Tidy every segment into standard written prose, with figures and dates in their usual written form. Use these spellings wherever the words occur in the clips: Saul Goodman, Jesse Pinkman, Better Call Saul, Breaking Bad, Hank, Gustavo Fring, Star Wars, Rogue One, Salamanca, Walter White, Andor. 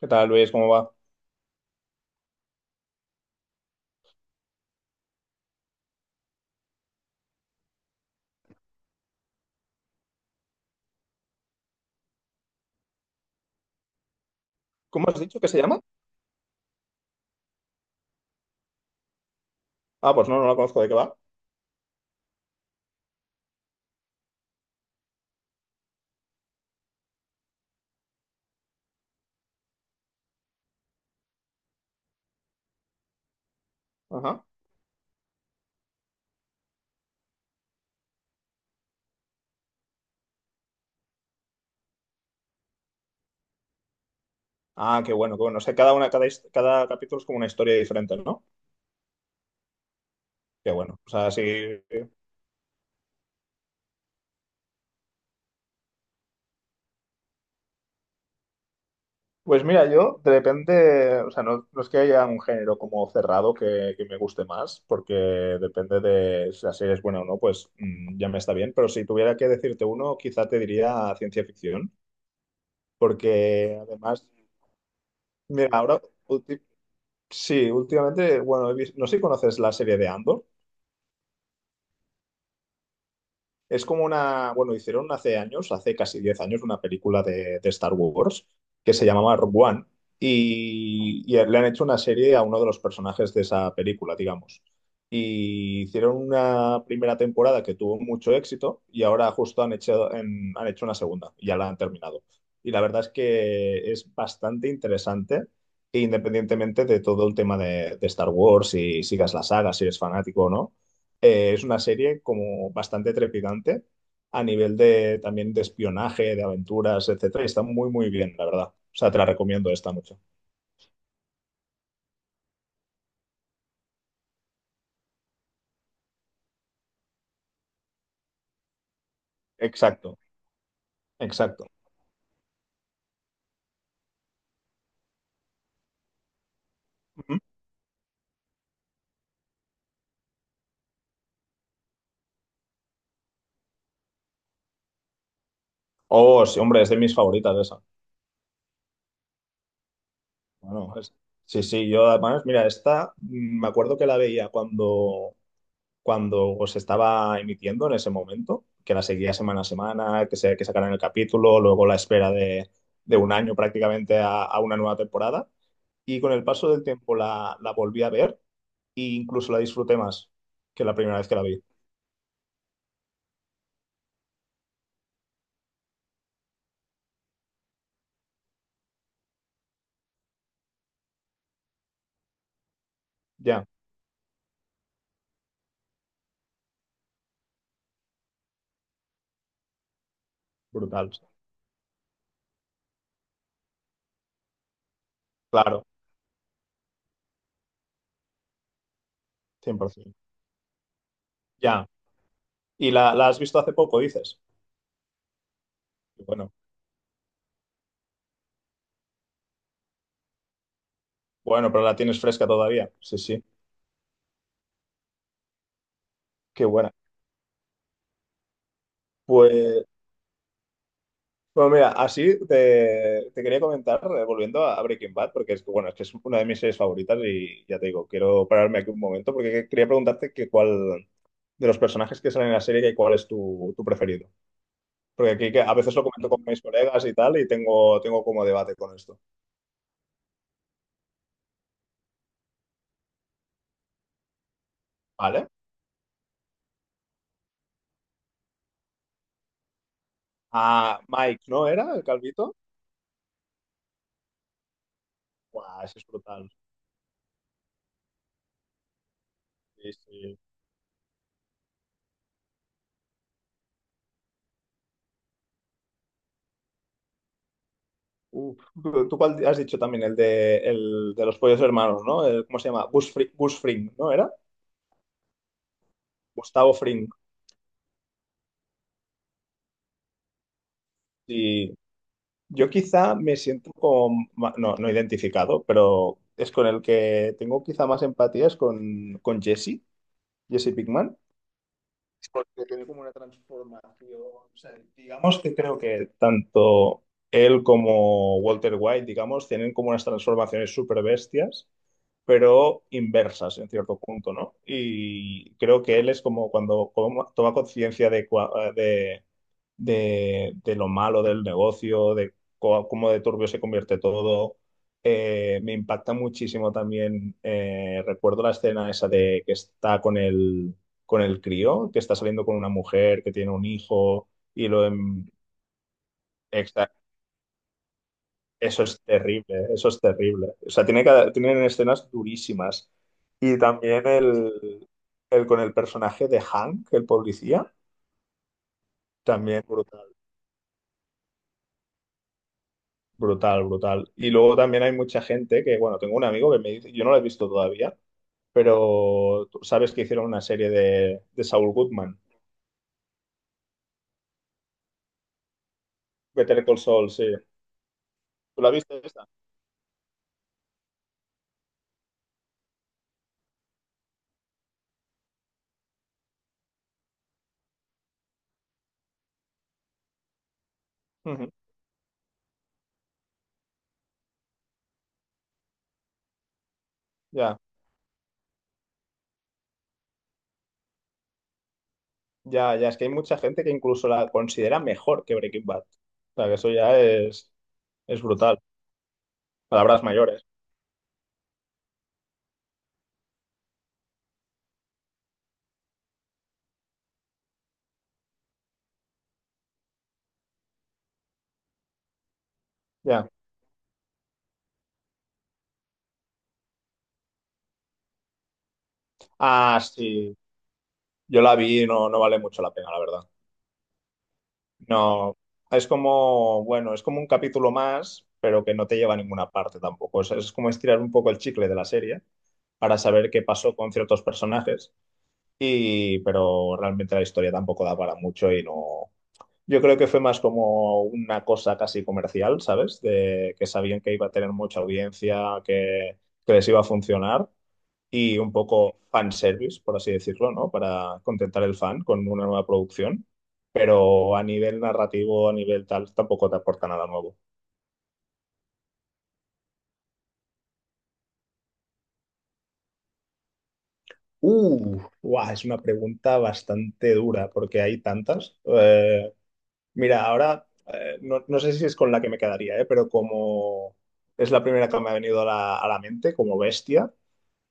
¿Qué tal, Luis? ¿Cómo va? ¿Cómo has dicho que se llama? Ah, pues no, no la conozco. ¿De qué va? Ajá. Ah, qué bueno, qué bueno. O sea, cada una, cada capítulo es como una historia diferente, ¿no? Qué bueno. O sea, sí. Pues mira, yo de repente, o sea, no, no es que haya un género como cerrado que me guste más, porque depende de si la serie es buena o no, pues ya me está bien. Pero si tuviera que decirte uno, quizá te diría ciencia ficción, porque además, mira, ahora, ulti- sí, últimamente, bueno, no sé si conoces la serie de Andor. Es como una, bueno, hicieron hace años, hace casi 10 años, una película de Star Wars que se llamaba Rogue One y, le han hecho una serie a uno de los personajes de esa película, digamos. Y hicieron una primera temporada que tuvo mucho éxito y ahora justo han hecho, han hecho una segunda y ya la han terminado. Y la verdad es que es bastante interesante, independientemente de todo el tema de Star Wars, si sigas la saga, si eres fanático o no, es una serie como bastante trepidante a nivel de también de espionaje, de aventuras, etcétera. Y está muy, muy bien, la verdad. O sea, te la recomiendo esta mucho. Exacto, exacto. Ujú. Oh, sí, hombre, es de mis favoritas esa. Bueno, sí, sí, yo además, mira, esta me acuerdo que la veía cuando, cuando se estaba emitiendo en ese momento, que la seguía semana a semana, que sacaran el capítulo, luego la espera de 1 año prácticamente a una nueva temporada. Y con el paso del tiempo la volví a ver e incluso la disfruté más que la primera vez que la vi. Ya, brutal. Claro, 100%. Ya. ¿Y la has visto hace poco, dices? Bueno, bueno, pero la tienes fresca todavía. Sí, sí, qué buena. Pues, bueno, mira, así te quería comentar, volviendo a Breaking Bad, porque es que, bueno, es que es una de mis series favoritas y ya te digo, quiero pararme aquí un momento porque quería preguntarte que cuál de los personajes que salen en la serie, que cuál es tu preferido. Porque aquí que a veces lo comento con mis colegas y tal, y tengo, tengo como debate con esto. ¿Vale? Ah, Mike, ¿no era el calvito? Buah, ese es brutal. Sí, sí. Uf. ¿Tú cuál has dicho también? El de los pollos hermanos, ¿no? ¿Cómo se llama? Gus Fring, ¿no era? Gustavo Fring. Y yo quizá me siento como, no, no identificado, pero es con el que tengo quizá más empatía, es con Jesse, Jesse Pinkman, porque tiene como una transformación. O sea, digamos que creo que tanto él como Walter White, digamos, tienen como unas transformaciones súper bestias pero inversas en cierto punto, ¿no? Y creo que él es como cuando como toma conciencia de, de lo malo del negocio, de cómo de turbio se convierte todo. Me impacta muchísimo también, recuerdo la escena esa de que está con el crío, que está saliendo con una mujer que tiene un hijo y eso es terrible, eso es terrible. O sea, tienen escenas durísimas. Y también el con el personaje de Hank, el policía, también brutal, brutal, brutal. Y luego también hay mucha gente que, bueno, tengo un amigo que me dice, yo no lo he visto todavía, pero tú sabes que hicieron una serie de Saul Goodman. Better Call Saul, sí. ¿Tú la viste esta? Ujú. Ya, ya, ya. Es que hay mucha gente que incluso la considera mejor que Breaking Bad. O sea, que eso ya es brutal. Palabras mayores. Ya. Ah, sí. Yo la vi y no, no vale mucho la pena, la verdad. No. Es como, bueno, es como un capítulo más, pero que no te lleva a ninguna parte tampoco. Es como estirar un poco el chicle de la serie para saber qué pasó con ciertos personajes. Y, pero realmente la historia tampoco da para mucho y no. Yo creo que fue más como una cosa casi comercial, ¿sabes? De que sabían que iba a tener mucha audiencia, que les iba a funcionar y un poco fanservice, por así decirlo, ¿no? Para contentar el fan con una nueva producción, pero a nivel narrativo, a nivel tal, tampoco te aporta nada nuevo. Guau, es una pregunta bastante dura porque hay tantas. Mira, ahora, no, no sé si es con la que me quedaría, pero como es la primera que me ha venido a a la mente, como bestia,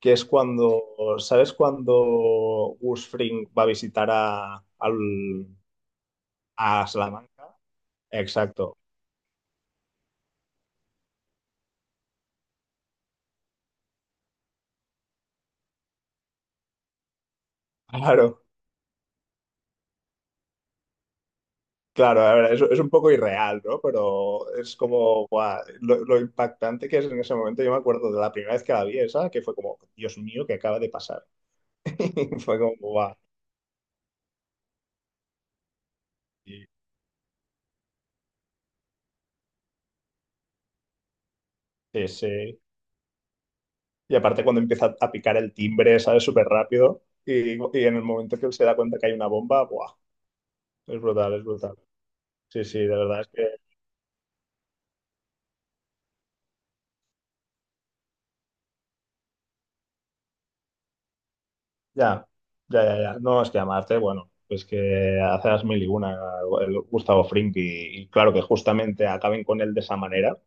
que es cuando, ¿sabes cuando Gus Fring va a visitar a Salamanca? Exacto. Claro, claro, a ver, es un poco irreal, ¿no? Pero es como, guau, lo impactante que es en ese momento. Yo me acuerdo de la primera vez que la vi esa, que fue como, Dios mío, ¿qué acaba de pasar? Fue como, guau. Y- Sí, sí. Y aparte cuando empieza a picar el timbre, ¿sabes? Súper rápido. Y en el momento que él se da cuenta que hay una bomba, guau, es brutal, es brutal. Sí, sí, de verdad. Ya, ya, ya, ya. No, es que amarte, bueno, pues que hace las mil y una el Gustavo Fring y claro que justamente acaben con él de esa manera,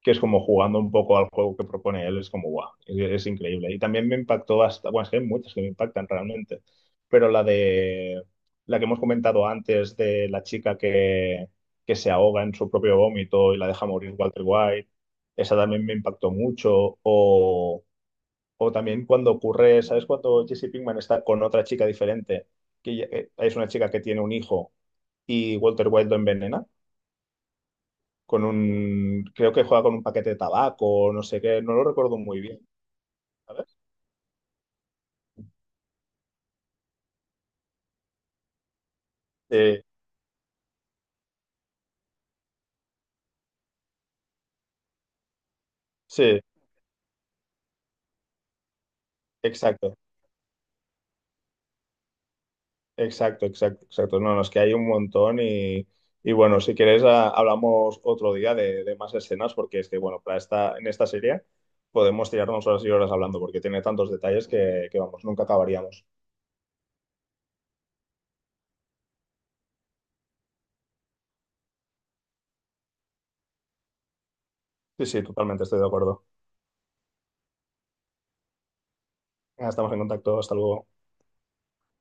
que es como jugando un poco al juego que propone él, es como guau, es increíble. Y también me impactó hasta, bueno, es que hay muchas que me impactan realmente, pero la de la que hemos comentado antes de la chica que se ahoga en su propio vómito y la deja morir Walter White, esa también me impactó mucho. O, o también cuando ocurre, ¿sabes? Cuando Jesse Pinkman está con otra chica diferente, es una chica que tiene un hijo y Walter White lo envenena, con un, creo que juega con un paquete de tabaco, no sé qué, no lo recuerdo muy bien, ¿sabes? Sí, sí, exacto, exacto, exacto, exacto. No, no, es que hay un montón y bueno, si quieres hablamos otro día de más escenas porque es que, bueno, para esta, en esta serie podemos tirarnos horas y horas hablando porque tiene tantos detalles que vamos, nunca acabaríamos. Sí, sí, totalmente estoy de acuerdo. Estamos en contacto, hasta luego.